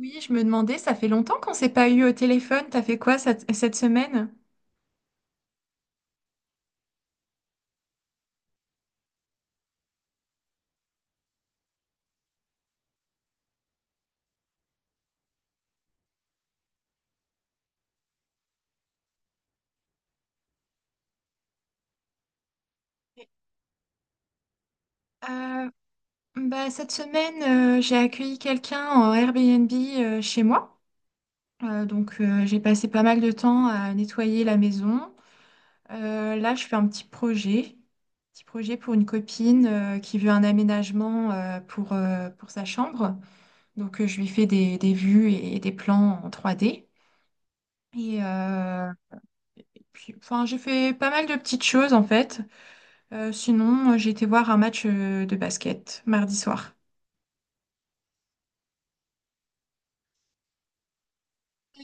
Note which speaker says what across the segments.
Speaker 1: Oui, je me demandais, ça fait longtemps qu'on s'est pas eu au téléphone. T'as fait quoi cette semaine? Euh, Cette semaine, j'ai accueilli quelqu'un en Airbnb chez moi. Donc, j'ai passé pas mal de temps à nettoyer la maison. Là, je fais un petit projet pour une copine qui veut un aménagement pour sa chambre. Donc, je lui fais des vues et des plans en trois d. Et, euh, et puis, enfin, j'ai fait pas mal de petites choses en fait. Sinon, j'ai été voir un match de basket mardi soir.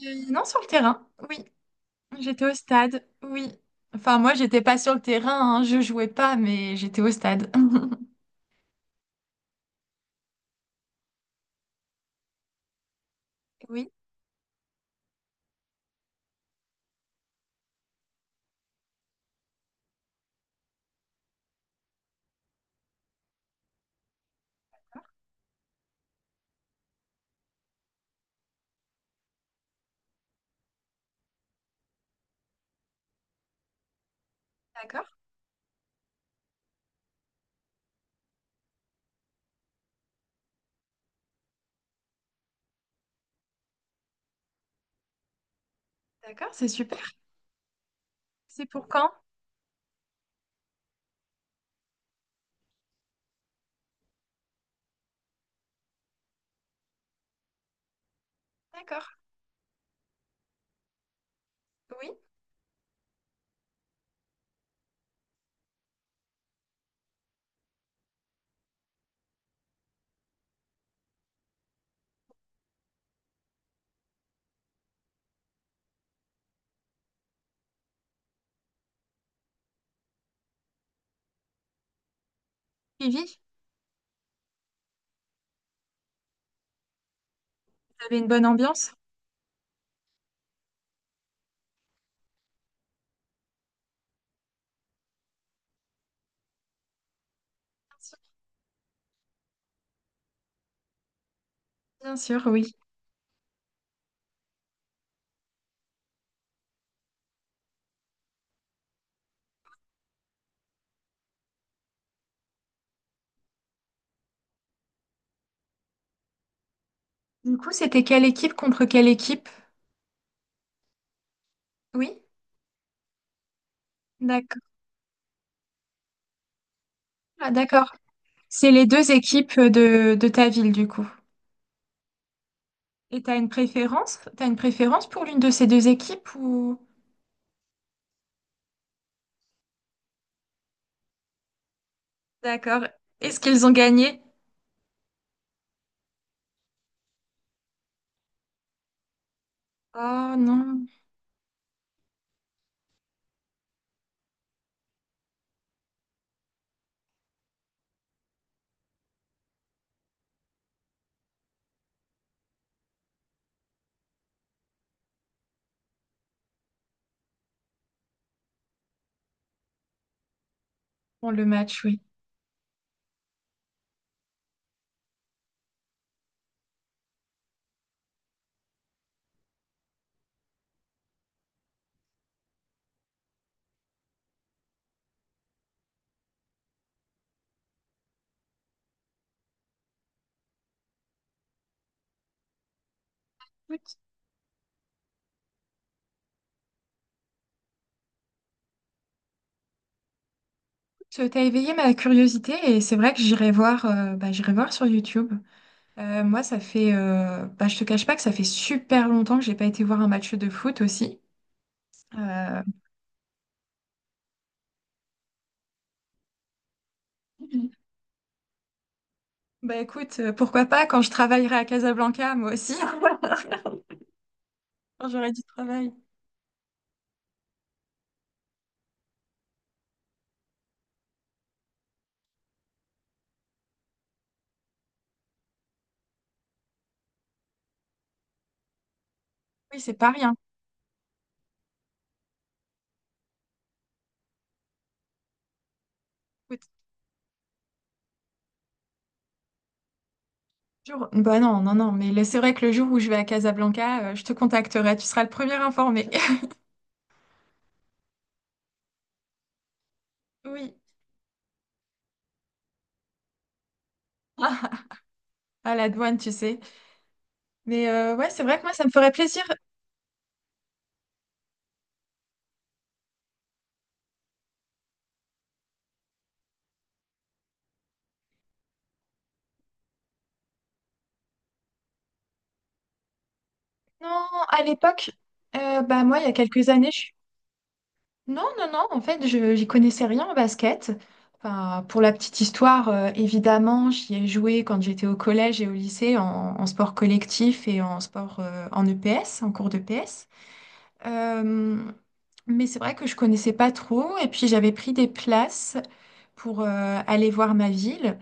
Speaker 1: Non, sur le terrain, oui. J'étais au stade, oui. Enfin, moi, j'étais pas sur le terrain, hein, je jouais pas, mais j'étais au stade. Oui, d'accord, d'accord, c'est super. C'est pour quand? D'accord, oui. Vivi, vous avez une bonne ambiance? Bien sûr, oui. Du coup, c'était quelle équipe contre quelle équipe? Oui, d'accord. Ah, d'accord. C'est les deux équipes de ta ville, du coup. Et t'as une préférence? T'as une préférence pour l'une de ces deux équipes ou... D'accord. Est-ce qu'ils ont gagné? Oh non. Bon, le match, oui. Écoute, écoute, t'as éveillé ma curiosité et c'est vrai que j'irai voir, j'irai voir sur YouTube. Moi, ça fait, je te cache pas que ça fait super longtemps que j'ai pas été voir un match de foot aussi. Euh, bah écoute, pourquoi pas quand je travaillerai à Casablanca, moi aussi, quand j'aurai du travail. Oui, c'est pas rien. Écoute, le jour- Bah non, non, non, mais là, c'est vrai que le jour où je vais à Casablanca, je te contacterai, tu seras le premier informé. Oui. À la douane, tu sais. Mais ouais, c'est vrai que moi, ça me ferait plaisir. Non, à l'époque, moi, il y a quelques années, je... suis... Non, non, non, en fait, je j'y connaissais rien en basket. Enfin, pour la petite histoire, évidemment, j'y ai joué quand j'étais au collège et au lycée en sport collectif et en sport en EPS, en cours d'EPS. Euh, mais c'est vrai que je connaissais pas trop et puis j'avais pris des places pour aller voir ma ville.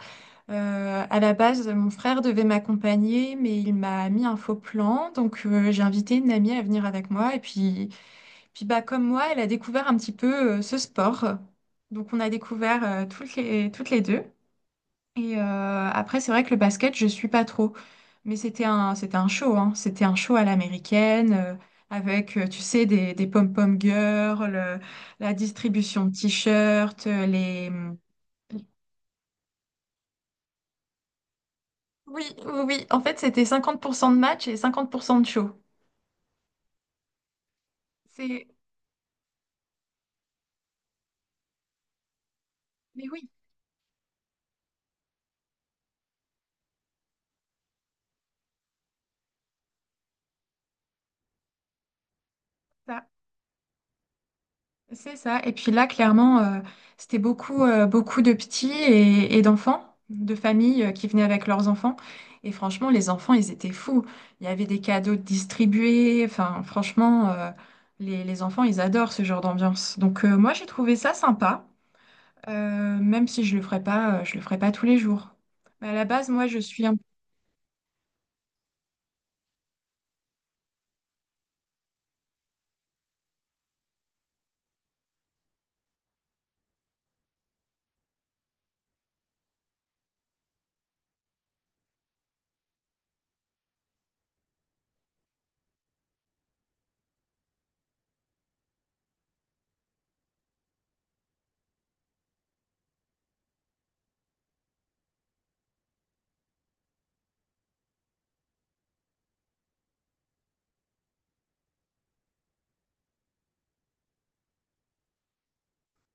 Speaker 1: À la base, mon frère devait m'accompagner, mais il m'a mis un faux plan. Donc, j'ai invité une amie à venir avec moi. Et puis, puis bah, comme moi, elle a découvert un petit peu ce sport. Donc, on a découvert toutes les deux. Et après, c'est vrai que le basket, je suis pas trop. Mais c'était un show, hein. C'était un show à l'américaine, avec, tu sais, des pom-pom girls, la distribution de t-shirts, les. Oui, oui, oui. En fait, c'était 50% de match et 50% de show. C'est, mais oui, ça, c'est ça. Et puis là, clairement, c'était beaucoup, beaucoup de petits et d'enfants, de familles qui venaient avec leurs enfants. Et franchement, les enfants, ils étaient fous. Il y avait des cadeaux distribués. Enfin, franchement, les enfants, ils adorent ce genre d'ambiance. Donc, moi, j'ai trouvé ça sympa, même si je le ferai pas tous les jours. Mais à la base, moi, je suis un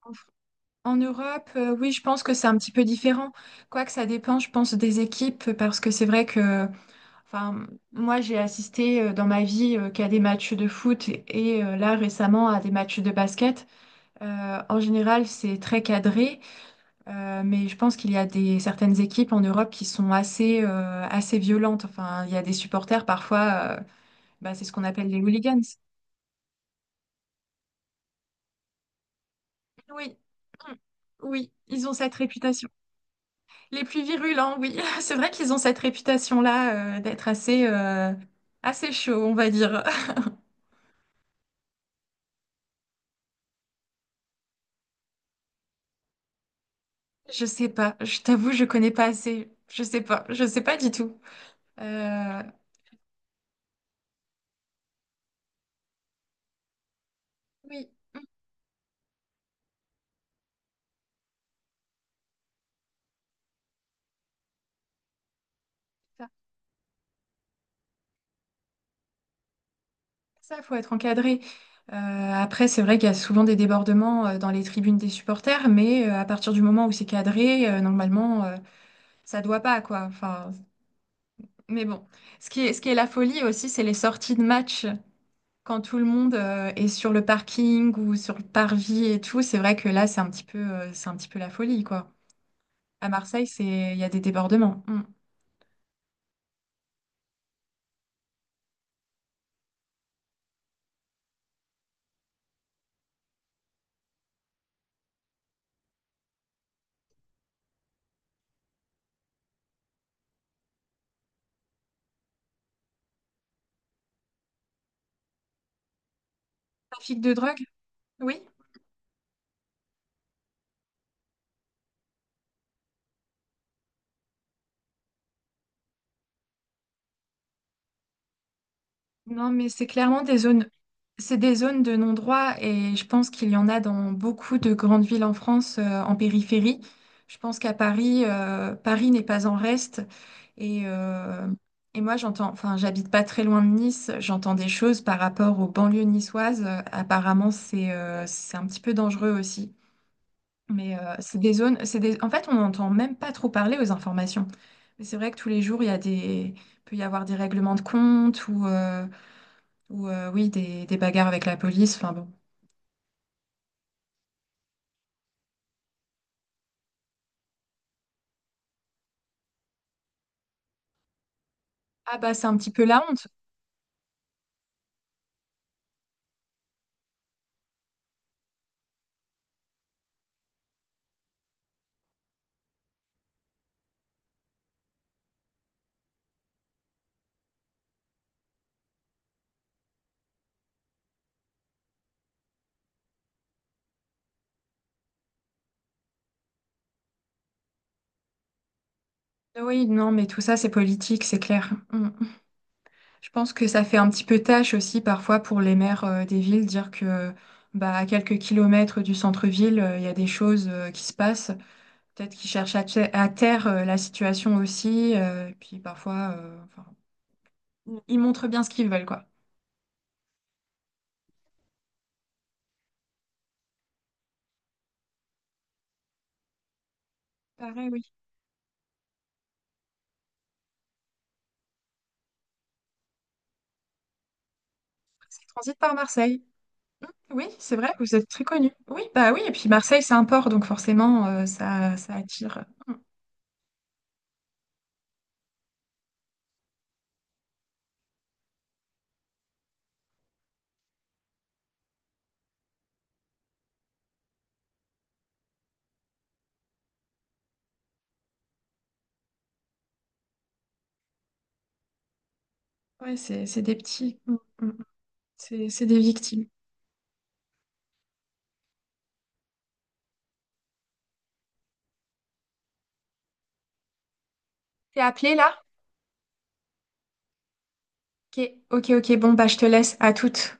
Speaker 1: peu. En Europe, oui, je pense que c'est un petit peu différent. Quoique ça dépend, je pense, des équipes, parce que c'est vrai que, enfin, moi, j'ai assisté dans ma vie qu'à des matchs de foot et là, récemment, à des matchs de basket. En général, c'est très cadré, mais je pense qu'il y a des, certaines équipes en Europe qui sont assez, assez violentes. Enfin, il y a des supporters, parfois, bah, c'est ce qu'on appelle les hooligans. Oui, oui, ils ont cette réputation. Les plus virulents, oui. C'est vrai qu'ils ont cette réputation-là, d'être assez, assez chauds, on va dire. Je sais pas. Je t'avoue, je connais pas assez. Je sais pas. Je sais pas du tout. Euh, oui, ça, ça, faut être encadré. Après, c'est vrai qu'il y a souvent des débordements dans les tribunes des supporters, mais à partir du moment où c'est cadré, normalement, ça doit pas, quoi. Enfin, mais bon. Ce qui est la folie aussi, c'est les sorties de match. Quand tout le monde est sur le parking ou sur le parvis et tout, c'est vrai que là, c'est un petit peu, c'est un petit peu la folie, quoi. À Marseille, c'est, il y a des débordements. Mm. Trafic de drogue? Oui. Non, mais c'est clairement des zones, c'est des zones de non-droit et je pense qu'il y en a dans beaucoup de grandes villes en France, en périphérie. Je pense qu'à Paris, Paris n'est pas en reste. Et, euh, et moi, j'entends, enfin, j'habite pas très loin de Nice, j'entends des choses par rapport aux banlieues niçoises. Apparemment, c'est un petit peu dangereux aussi. Mais c'est des zones, c'est des... En fait, on n'entend même pas trop parler aux informations. Mais c'est vrai que tous les jours, il y a des... il peut y avoir des règlements de compte ou... ou oui, des bagarres avec la police. Enfin bon. Ah bah c'est un petit peu la honte. Ah oui, non, mais tout ça c'est politique, c'est clair. Mm. Mm. Je pense que ça fait un petit peu tâche aussi parfois pour les maires des villes dire que bah à quelques kilomètres du centre-ville, il y a des choses qui se passent. Peut-être qu'ils cherchent te- à taire la situation aussi. Et puis parfois, enfin, ils montrent bien ce qu'ils veulent quoi. Pareil, oui. Ça transite par Marseille. Oui, c'est vrai, vous êtes très connu. Oui, bah oui, et puis Marseille, c'est un port, donc forcément, ça, ça attire. Mm. Ouais, c'est des petits. Mm, mm, mm. C'est des victimes. T'es appelé là? Ok, ok, ok, bon, bah je te laisse à toutes.